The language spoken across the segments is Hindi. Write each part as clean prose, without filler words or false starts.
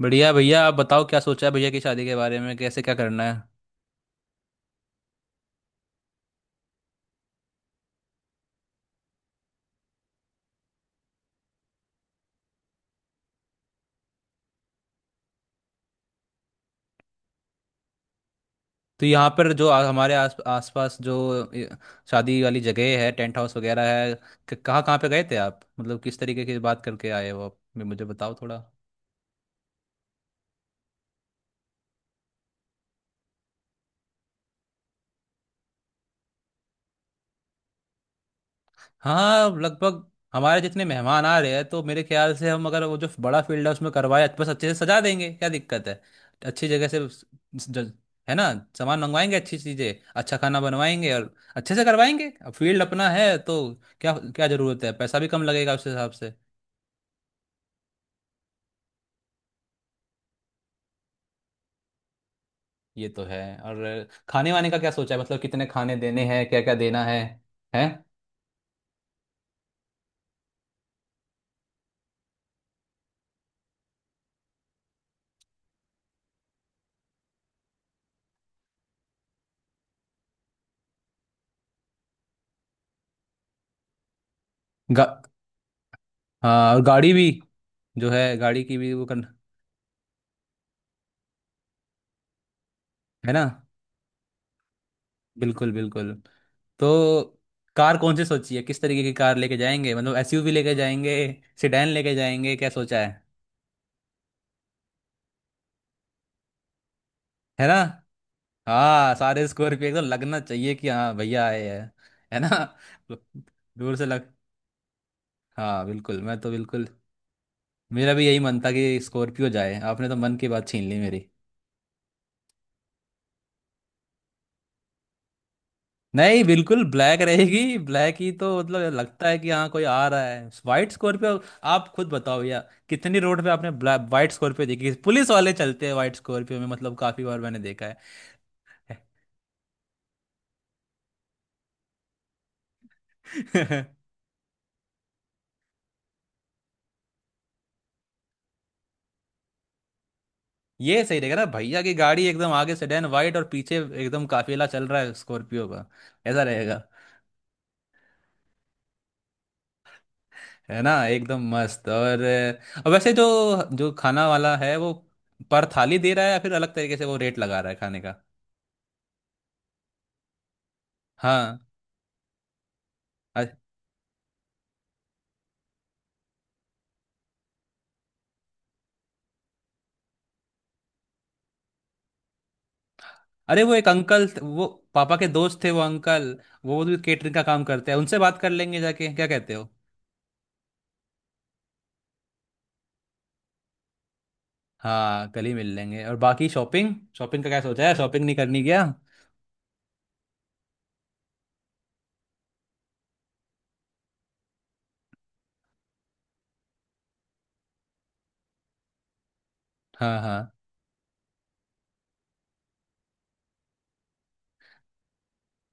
बढ़िया भैया, आप बताओ क्या सोचा है भैया की शादी के बारे में, कैसे क्या करना है। तो यहाँ पर जो हमारे आस आसपास जो शादी वाली जगह है, टेंट हाउस वगैरह है, कहाँ कहाँ पे गए थे आप? मतलब किस तरीके की बात करके आए हो आप, मुझे बताओ थोड़ा। हाँ, लगभग हमारे जितने मेहमान आ रहे हैं तो मेरे ख्याल से हम अगर वो जो बड़ा फील्ड है उसमें करवाए, बस अच्छे से सजा देंगे, क्या दिक्कत है। अच्छी जगह से ज- है ना, सामान मंगवाएंगे, अच्छी चीजें, अच्छा खाना बनवाएंगे और अच्छे से करवाएंगे। अब फील्ड अपना है तो क्या क्या जरूरत है, पैसा भी कम लगेगा उस हिसाब से। ये तो है। और खाने वाने का क्या सोचा है? मतलब कितने खाने देने हैं, क्या क्या देना है, हैं? गा, हाँ, और गाड़ी भी, जो है गाड़ी की भी वो करना। है ना। बिल्कुल बिल्कुल। तो कार कौन सी सोची है? किस तरीके की कार लेके जाएंगे, मतलब एसयूवी लेके जाएंगे, सेडान लेके जाएंगे, क्या सोचा है? है ना। हाँ सारे स्कॉर्पियो, एकदम लगना चाहिए कि हाँ भैया आए हैं। है ना। दूर से लग, हाँ बिल्कुल, मैं तो बिल्कुल, मेरा भी यही मन था कि स्कॉर्पियो जाए, आपने तो मन की बात छीन ली मेरी। नहीं, बिल्कुल ब्लैक रहेगी, ब्लैक ही तो मतलब लगता है कि हाँ कोई आ रहा है। व्हाइट स्कॉर्पियो, आप खुद बताओ यार कितनी रोड पे आपने ब्लैक व्हाइट स्कॉर्पियो देखी? पुलिस वाले चलते हैं व्हाइट स्कॉर्पियो में, मतलब काफी बार मैंने देखा है। ये सही रहेगा ना, भैया की गाड़ी एकदम आगे सेडान व्हाइट और पीछे एकदम काफिला चल रहा है स्कॉर्पियो का, ऐसा रहेगा। है ना, एकदम मस्त। और वैसे जो जो खाना वाला है, वो पर थाली दे रहा है या फिर अलग तरीके से वो रेट लगा रहा है खाने का? हाँ, अरे वो एक अंकल वो पापा के दोस्त थे वो अंकल, वो भी केटरिंग का काम करते हैं, उनसे बात कर लेंगे जाके, क्या कहते हो? हाँ कल ही मिल लेंगे। और बाकी शॉपिंग शॉपिंग का क्या सोचा है, शॉपिंग नहीं करनी क्या? हाँ हाँ,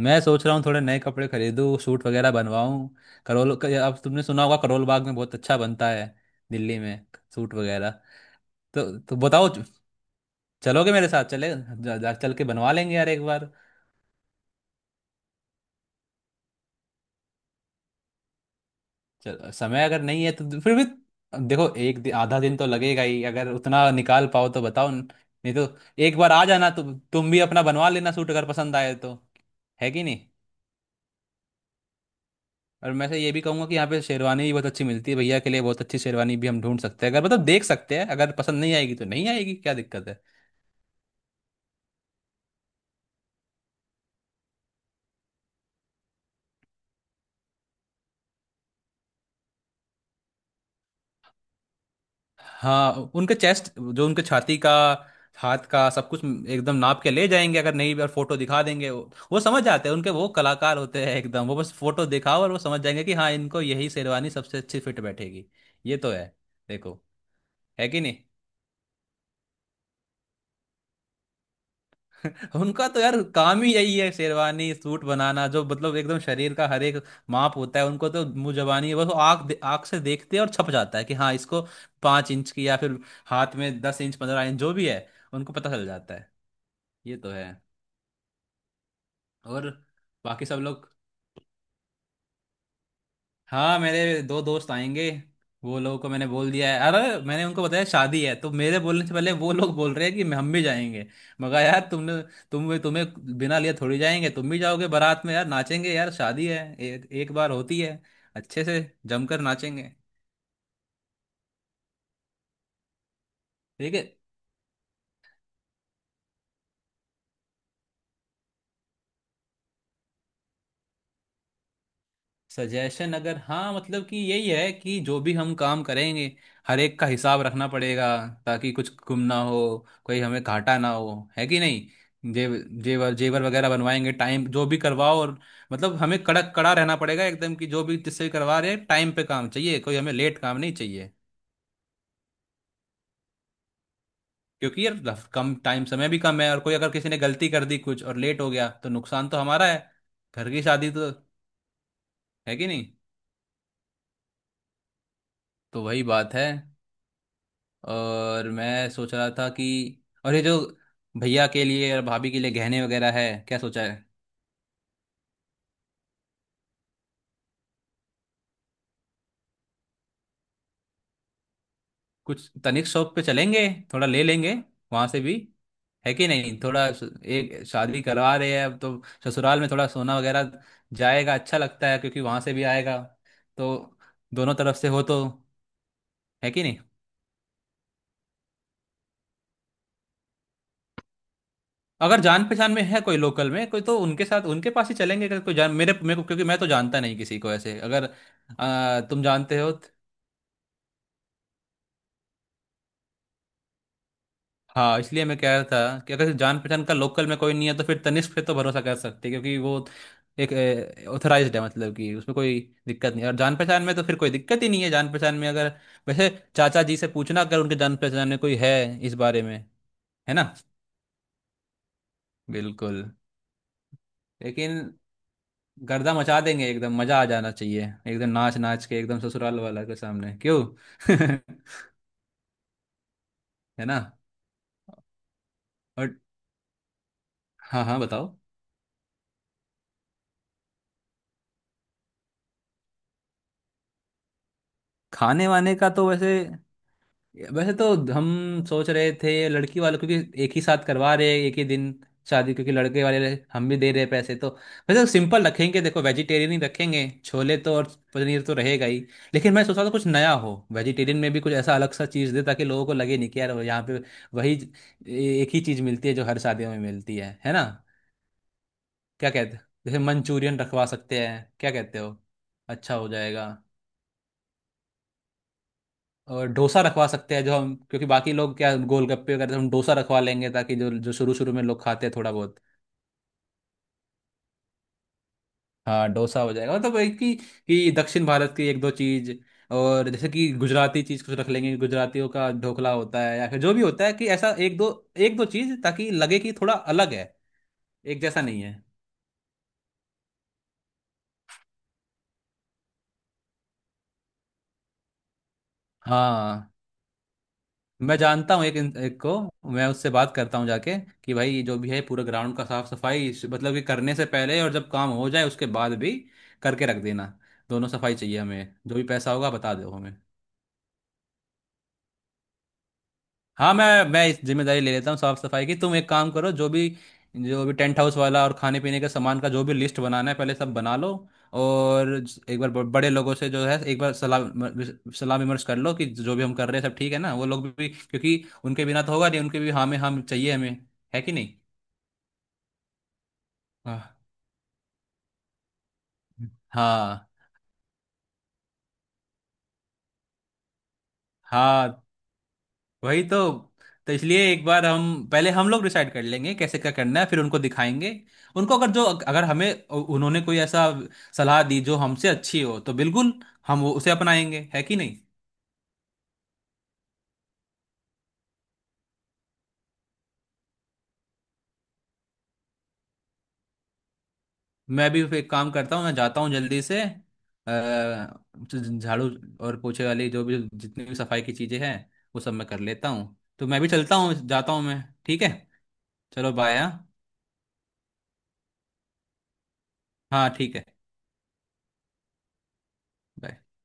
मैं सोच रहा हूँ थोड़े नए कपड़े खरीदूँ, सूट वगैरह बनवाऊँ। अब तुमने सुना होगा करोल बाग में बहुत अच्छा बनता है, दिल्ली में, सूट वगैरह। तो बताओ, चलोगे मेरे साथ? चले जा, जा, चल के बनवा लेंगे यार एक बार। चलो समय अगर नहीं है तो फिर भी, देखो एक आधा दिन तो लगेगा ही, अगर उतना निकाल पाओ तो बताओ, नहीं तो एक बार आ जाना तो। तुम भी अपना बनवा लेना सूट अगर पसंद आए तो। है कि नहीं। और मैं से ये भी कहूंगा कि यहाँ पे शेरवानी भी बहुत अच्छी मिलती है, भैया के लिए बहुत अच्छी शेरवानी भी हम ढूंढ सकते हैं, अगर मतलब देख सकते हैं, अगर पसंद नहीं आएगी तो नहीं आएगी, क्या दिक्कत है। हाँ उनके चेस्ट जो उनके छाती का, हाथ का सब कुछ एकदम नाप के ले जाएंगे, अगर नहीं भी और फोटो दिखा देंगे, वो समझ जाते हैं, उनके वो कलाकार होते हैं एकदम, वो बस फोटो दिखाओ और वो समझ जाएंगे कि हाँ इनको यही शेरवानी सबसे अच्छी फिट बैठेगी। ये तो है, देखो, है कि नहीं। उनका तो यार काम ही यही है शेरवानी सूट बनाना, जो मतलब एकदम शरीर का हर एक माप होता है उनको तो मुंह जबानी, बस वो आँख आँख से देखते हैं और छप जाता है कि हाँ इसको पाँच इंच की या फिर हाथ में दस इंच पंद्रह इंच जो भी है, उनको पता चल जाता है। ये तो है और बाकी सब लोग, हाँ मेरे दो दोस्त आएंगे, वो लोगों को मैंने बोल दिया है। अरे मैंने उनको बताया शादी है तो मेरे बोलने से पहले वो लोग बोल रहे हैं कि हम भी जाएंगे। मगर यार तुमने, तुम्हें बिना लिए थोड़ी जाएंगे, तुम भी जाओगे बारात में यार, नाचेंगे यार, शादी है, एक बार होती है, अच्छे से जमकर नाचेंगे। ठीक है, सजेशन अगर हाँ मतलब कि यही है कि जो भी हम काम करेंगे हर एक का हिसाब रखना पड़ेगा, ताकि कुछ गुम ना हो, कोई हमें घाटा ना हो, है कि नहीं। जेब जेवर जेवर वगैरह बनवाएंगे टाइम, जो भी करवाओ, और मतलब हमें कड़क कड़ा रहना पड़ेगा एकदम कि जो भी जिससे भी करवा रहे हैं टाइम पे काम चाहिए, कोई हमें लेट काम नहीं चाहिए। क्योंकि यार कम टाइम, समय भी कम है, और कोई अगर किसी ने गलती कर दी, कुछ और लेट हो गया तो नुकसान तो हमारा है। घर की शादी तो, है कि नहीं। तो वही बात है। और मैं सोच रहा था कि और ये जो भैया के लिए और भाभी के लिए गहने वगैरह है, क्या सोचा है? कुछ तनिक शॉप पे चलेंगे, थोड़ा ले लेंगे वहां से भी, है कि नहीं। थोड़ा एक शादी करवा रहे हैं अब, तो ससुराल में थोड़ा सोना वगैरह जाएगा अच्छा लगता है, क्योंकि वहां से भी आएगा तो, दोनों तरफ से हो तो, है कि नहीं। अगर जान पहचान में है कोई लोकल में कोई तो उनके साथ उनके पास ही चलेंगे। अगर कोई जान, मेरे मेरे को क्योंकि मैं तो जानता नहीं किसी को ऐसे, अगर तुम जानते हो। हाँ इसलिए मैं कह रहा था कि अगर जान पहचान का लोकल में कोई नहीं है तो फिर तनिष्क पे तो भरोसा कर सकते हैं, क्योंकि वो एक ऑथराइज्ड है, मतलब कि उसमें कोई दिक्कत नहीं है। और जान पहचान में तो फिर कोई दिक्कत ही नहीं है। जान पहचान में अगर, वैसे चाचा जी से पूछना अगर उनके जान पहचान में कोई है इस बारे में। है ना, बिल्कुल। लेकिन गर्दा मचा देंगे एकदम, मजा आ जाना चाहिए एकदम, नाच नाच के एकदम ससुराल वाला के सामने, क्यों। है ना। और हाँ हाँ बताओ। खाने वाने का तो वैसे, वैसे तो हम सोच रहे थे लड़की वालों, क्योंकि एक ही साथ करवा रहे हैं एक ही दिन शादी, क्योंकि लड़के वाले हम भी दे रहे हैं पैसे तो, वैसे तो सिंपल रखेंगे, देखो वेजिटेरियन ही रखेंगे, छोले तो और पनीर तो रहेगा ही। लेकिन मैं सोच रहा था कुछ नया हो, वेजिटेरियन में भी कुछ ऐसा अलग सा चीज़ दे, ताकि लोगों को लगे नहीं कि यार यहाँ पे वही एक ही चीज़ मिलती है जो हर शादियों में मिलती है ना। क्या कहते, जैसे मंचूरियन रखवा सकते हैं, क्या कहते हो? अच्छा हो जाएगा। और डोसा रखवा सकते हैं, जो हम क्योंकि बाकी लोग क्या गोलगप्पे वगैरह, हम डोसा रखवा लेंगे ताकि जो जो शुरू शुरू में लोग खाते हैं थोड़ा बहुत। हाँ डोसा हो जाएगा, मतलब एक ही कि दक्षिण भारत की एक दो चीज, और जैसे कि गुजराती चीज कुछ रख लेंगे, गुजरातियों का ढोकला होता है या फिर जो भी होता है, कि ऐसा एक दो, एक दो चीज ताकि लगे कि थोड़ा अलग है, एक जैसा नहीं है। हाँ मैं जानता हूँ एक को मैं, उससे बात करता हूँ जाके, कि भाई ये जो भी है पूरा ग्राउंड का साफ सफाई मतलब कि करने से पहले और जब काम हो जाए उसके बाद भी करके रख देना, दोनों सफाई चाहिए हमें, जो भी पैसा होगा बता दो हमें। हाँ मैं इस जिम्मेदारी ले लेता हूँ साफ सफाई की, तुम एक काम करो, जो भी टेंट हाउस वाला और खाने पीने के सामान का जो भी लिस्ट बनाना है पहले सब बना लो। और एक बार बड़े लोगों से जो है एक बार सलाह विमर्श कर लो कि जो भी हम कर रहे हैं सब ठीक है ना, वो लोग भी क्योंकि उनके बिना तो होगा नहीं, उनके भी हाँ में हम चाहिए हमें, है कि नहीं। हाँ हाँ हाँ, वही तो। तो इसलिए एक बार हम पहले हम लोग डिसाइड कर लेंगे कैसे क्या करना है, फिर उनको दिखाएंगे। उनको अगर जो अगर हमें, उन्होंने कोई ऐसा सलाह दी जो हमसे अच्छी हो तो बिल्कुल हम वो उसे अपनाएंगे, है कि नहीं। मैं भी एक काम करता हूँ, मैं जाता हूँ जल्दी से झाड़ू और पोछे वाली जो भी जितनी भी सफाई की चीज़ें हैं वो सब मैं कर लेता हूँ, तो मैं भी चलता हूँ जाता हूँ मैं, ठीक है। चलो बाय। हाँ हाँ, ठीक है। bye।